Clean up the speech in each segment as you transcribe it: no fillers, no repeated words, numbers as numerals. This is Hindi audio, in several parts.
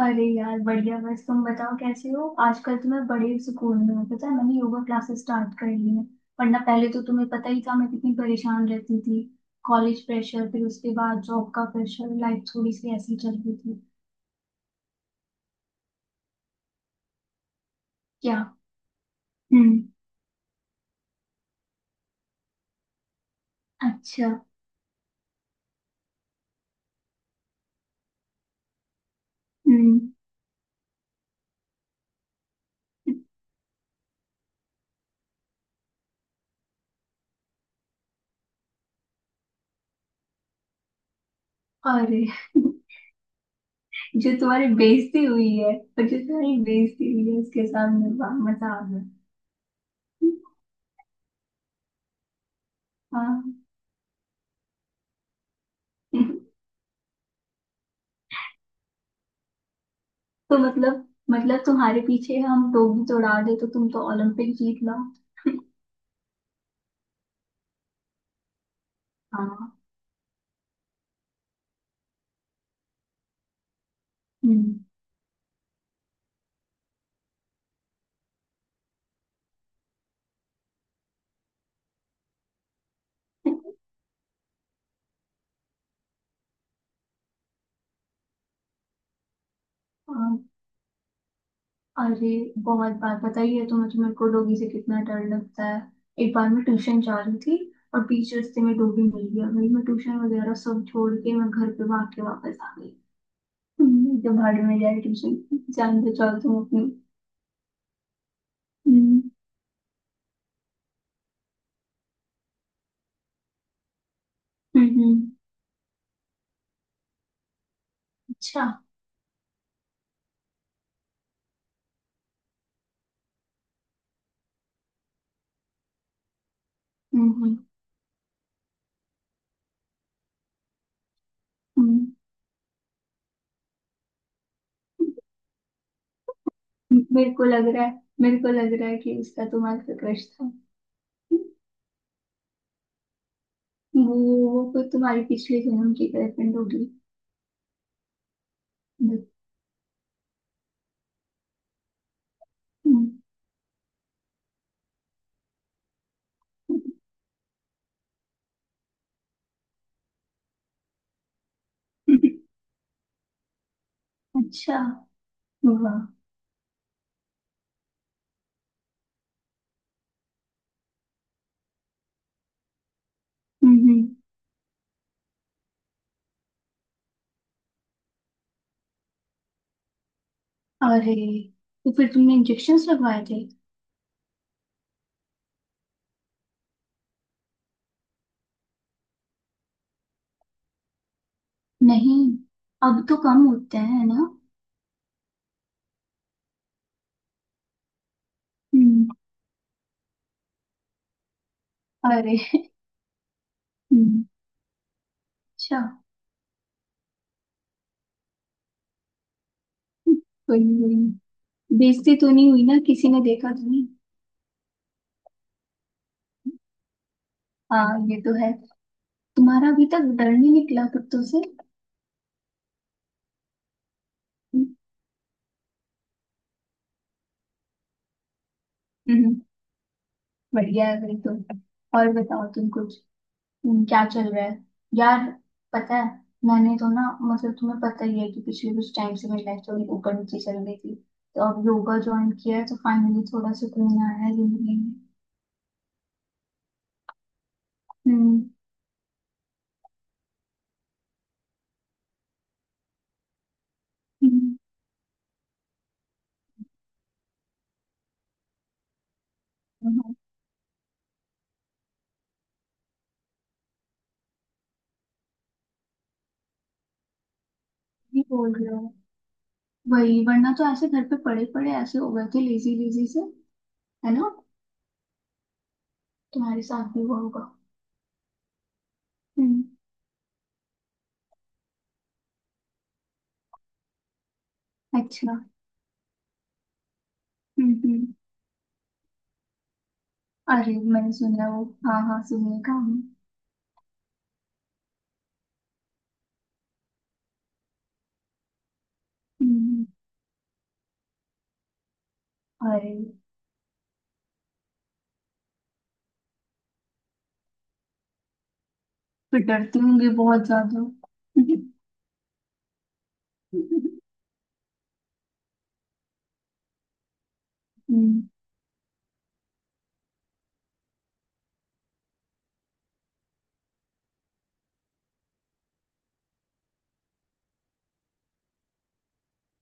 अरे यार बढ़िया। बस तुम बताओ कैसे हो। आजकल तो मैं बड़े सुकून में हूँ। पता है मैंने योगा क्लासेस स्टार्ट कर ली है। वरना पहले तो तुम्हें पता ही था मैं कितनी परेशान रहती थी। कॉलेज प्रेशर फिर उसके बाद जॉब का प्रेशर लाइफ थोड़ी सी ऐसी चल रही थी। क्या। हम्म। अच्छा। हम्म। अरे। जो तुम्हारी बेइज्जती हुई है और जो तुम्हारी बेइज्जती हुई है उसके सामने वाह मजा आ गया। हाँ। तो मतलब तुम्हारे पीछे हम लोग भी दौड़ा दे तो तुम तो ओलंपिक जीत लो। हाँ। हम्म। हाँ, अरे बहुत बार बताइए है तो मुझे मेरे को डोगी से कितना डर लगता है। एक बार मैं ट्यूशन जा रही थी और बीच रास्ते में डोगी मिल गया। भाई मैं ट्यूशन वगैरह सब छोड़ के मैं घर पे भाग के वापस आ गई। जब भाड़े में जाए ट्यूशन। जान बचाओ तुम अपनी। हम्म। हम्म। अच्छा। हम्म। हम्म। हम्म। मेरे को लग रहा है मेरे को लग रहा है कि उसका तुम्हारे पे क्रश था। वो वो कोई तुम्हारी पिछले जन्म की गर्लफ्रेंड होगी। हम्म। अच्छा। वाह। हम्म। अरे। तो फिर तुमने इंजेक्शन्स लगवाए थे? नहीं। अब तो कम होते हैं ना। हम्म। अरे। हम्म, अच्छा। कोई नहीं। बेइज्जती तो नहीं हुई ना? किसी ने देखा तो नहीं? हाँ ये तो है। तुम्हारा अभी तक डर नहीं निकला कुत्तों से? हम्म। हम्म, बढ़िया है फिर तो। और बताओ तुम कुछ। क्या चल रहा है? यार पता है मैंने तो ना मतलब तुम्हें पता ही है कि पिछले कुछ टाइम से मेरी लाइफ थोड़ी ऊपर नीचे चल रही थी। तो अब योगा ज्वाइन किया है तो फाइनली थोड़ा सुकून आया है जिंदगी में। हम्म। हम्म, हाँ, ये बोल रहे हो। वही वरना तो ऐसे घर पे पड़े पड़े ऐसे हो गए थे लेजी लेजी से। है ना? तुम्हारे साथ भी हुआ होगा। हम्म। अच्छा। हम्म। हम्म। अरे मैंने सुना है वो हाँ हाँ सुनिए काम हम्म। हम्म। अरे फिर डरती होंगी बहुत ज्यादा। हम्म।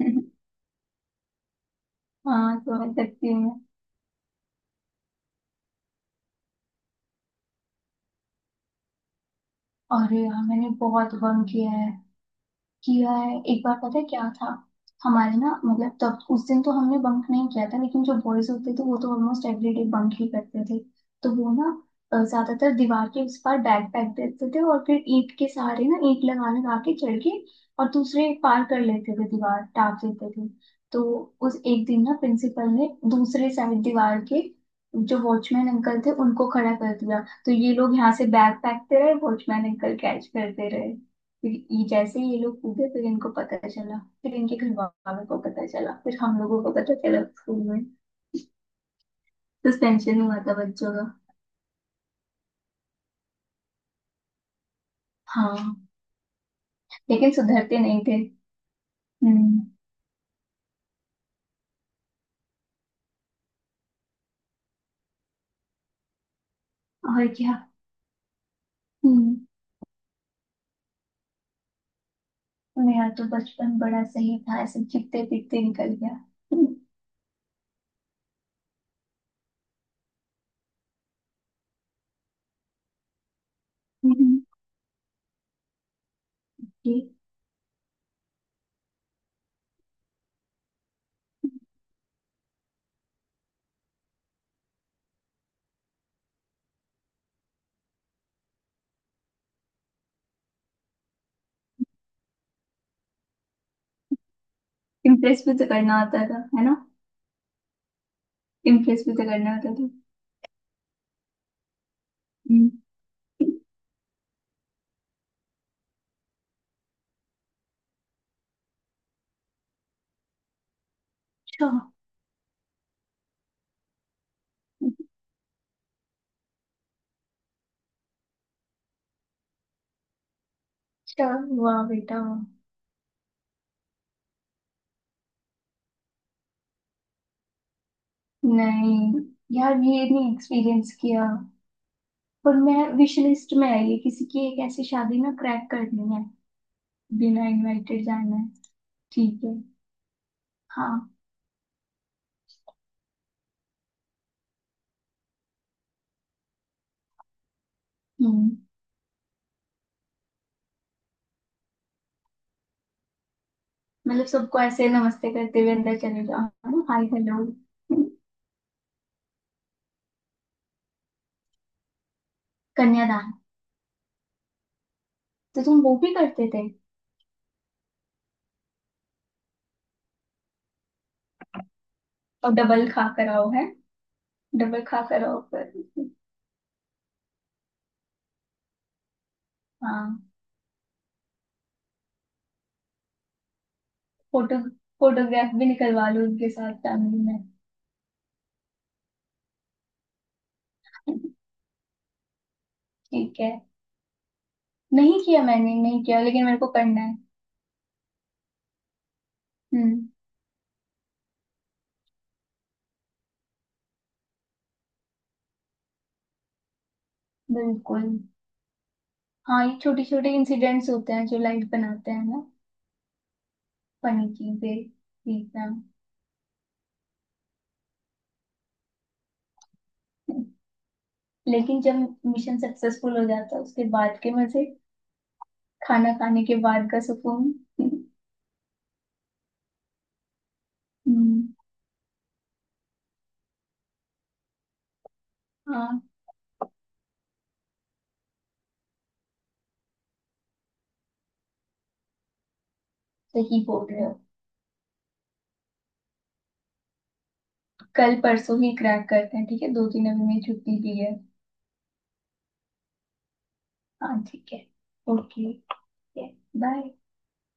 हाँ समझ सकती हूँ मैं। और यार मैंने बहुत बंक किया है। किया है। एक बार पता है क्या था। हमारे ना मतलब तब उस दिन तो हमने बंक नहीं किया था लेकिन जो बॉयज होते थे वो तो ऑलमोस्ट एवरीडे बंक ही करते थे। तो वो ना ज्यादातर दीवार के उस पार बैग फेंक देते थे और फिर ईंट के सहारे ना ईंट लगा लगा के चढ़ के और दूसरे पार कर लेते थे दीवार टाप देते थे। तो उस एक दिन ना प्रिंसिपल ने दूसरे साइड दीवार के जो वॉचमैन अंकल थे उनको खड़ा कर दिया। तो ये लोग यहाँ से बैग फेंकते रहे वॉचमैन अंकल कैच करते रहे। फिर ये जैसे ही ये लोग कूदे फिर इनको पता चला फिर इनके घर वालों को पता चला फिर हम लोगों को पता चला स्कूल में। सस्पेंशन हुआ था बच्चों का। हाँ। लेकिन सुधरते नहीं थे। हम्म। और क्या। हम्म। मेरा तो बचपन बड़ा सही था ऐसे चिपते पिटते निकल गया। हम्म। इम्प्रेस भी तो करना आता था है ना? इम्प्रेस भी तो करना आता था। हम्म, अच्छा। अच्छा। वाह बेटा वाह। नहीं यार ये नहीं एक्सपीरियंस किया। और मैं विश लिस्ट में है ये किसी की एक ऐसी शादी ना क्रैक करनी है। बिना इनवाइटेड जाना है। ठीक है। हाँ। हम्म। मतलब सबको ऐसे नमस्ते करते हुए अंदर चले जाओ है ना, हाय हेलो। कन्यादान। तो तुम वो भी करते थे। और डबल खा कर आओ है। डबल खा कर आओ पर। हाँ। फोटो। फोटोग्राफ भी निकलवा लो उनके साथ फैमिली में। ठीक है। नहीं किया मैंने नहीं किया लेकिन मेरे को करना है। हम्म। बिल्कुल। हाँ ये छोटे छोटे इंसिडेंट्स होते हैं जो लाइफ बनाते हैं ना। फनी चीजें। सीखना। लेकिन जब मिशन सक्सेसफुल हो जाता है उसके बाद के मजे। खाना खाने के बाद का सुकून। हम्म, हाँ। सही बोल रहे हो। कल परसों ही क्रैक करते हैं ठीक है दो तीन अभी मेरी छुट्टी भी है। हाँ ठीक है। ओके। बाय।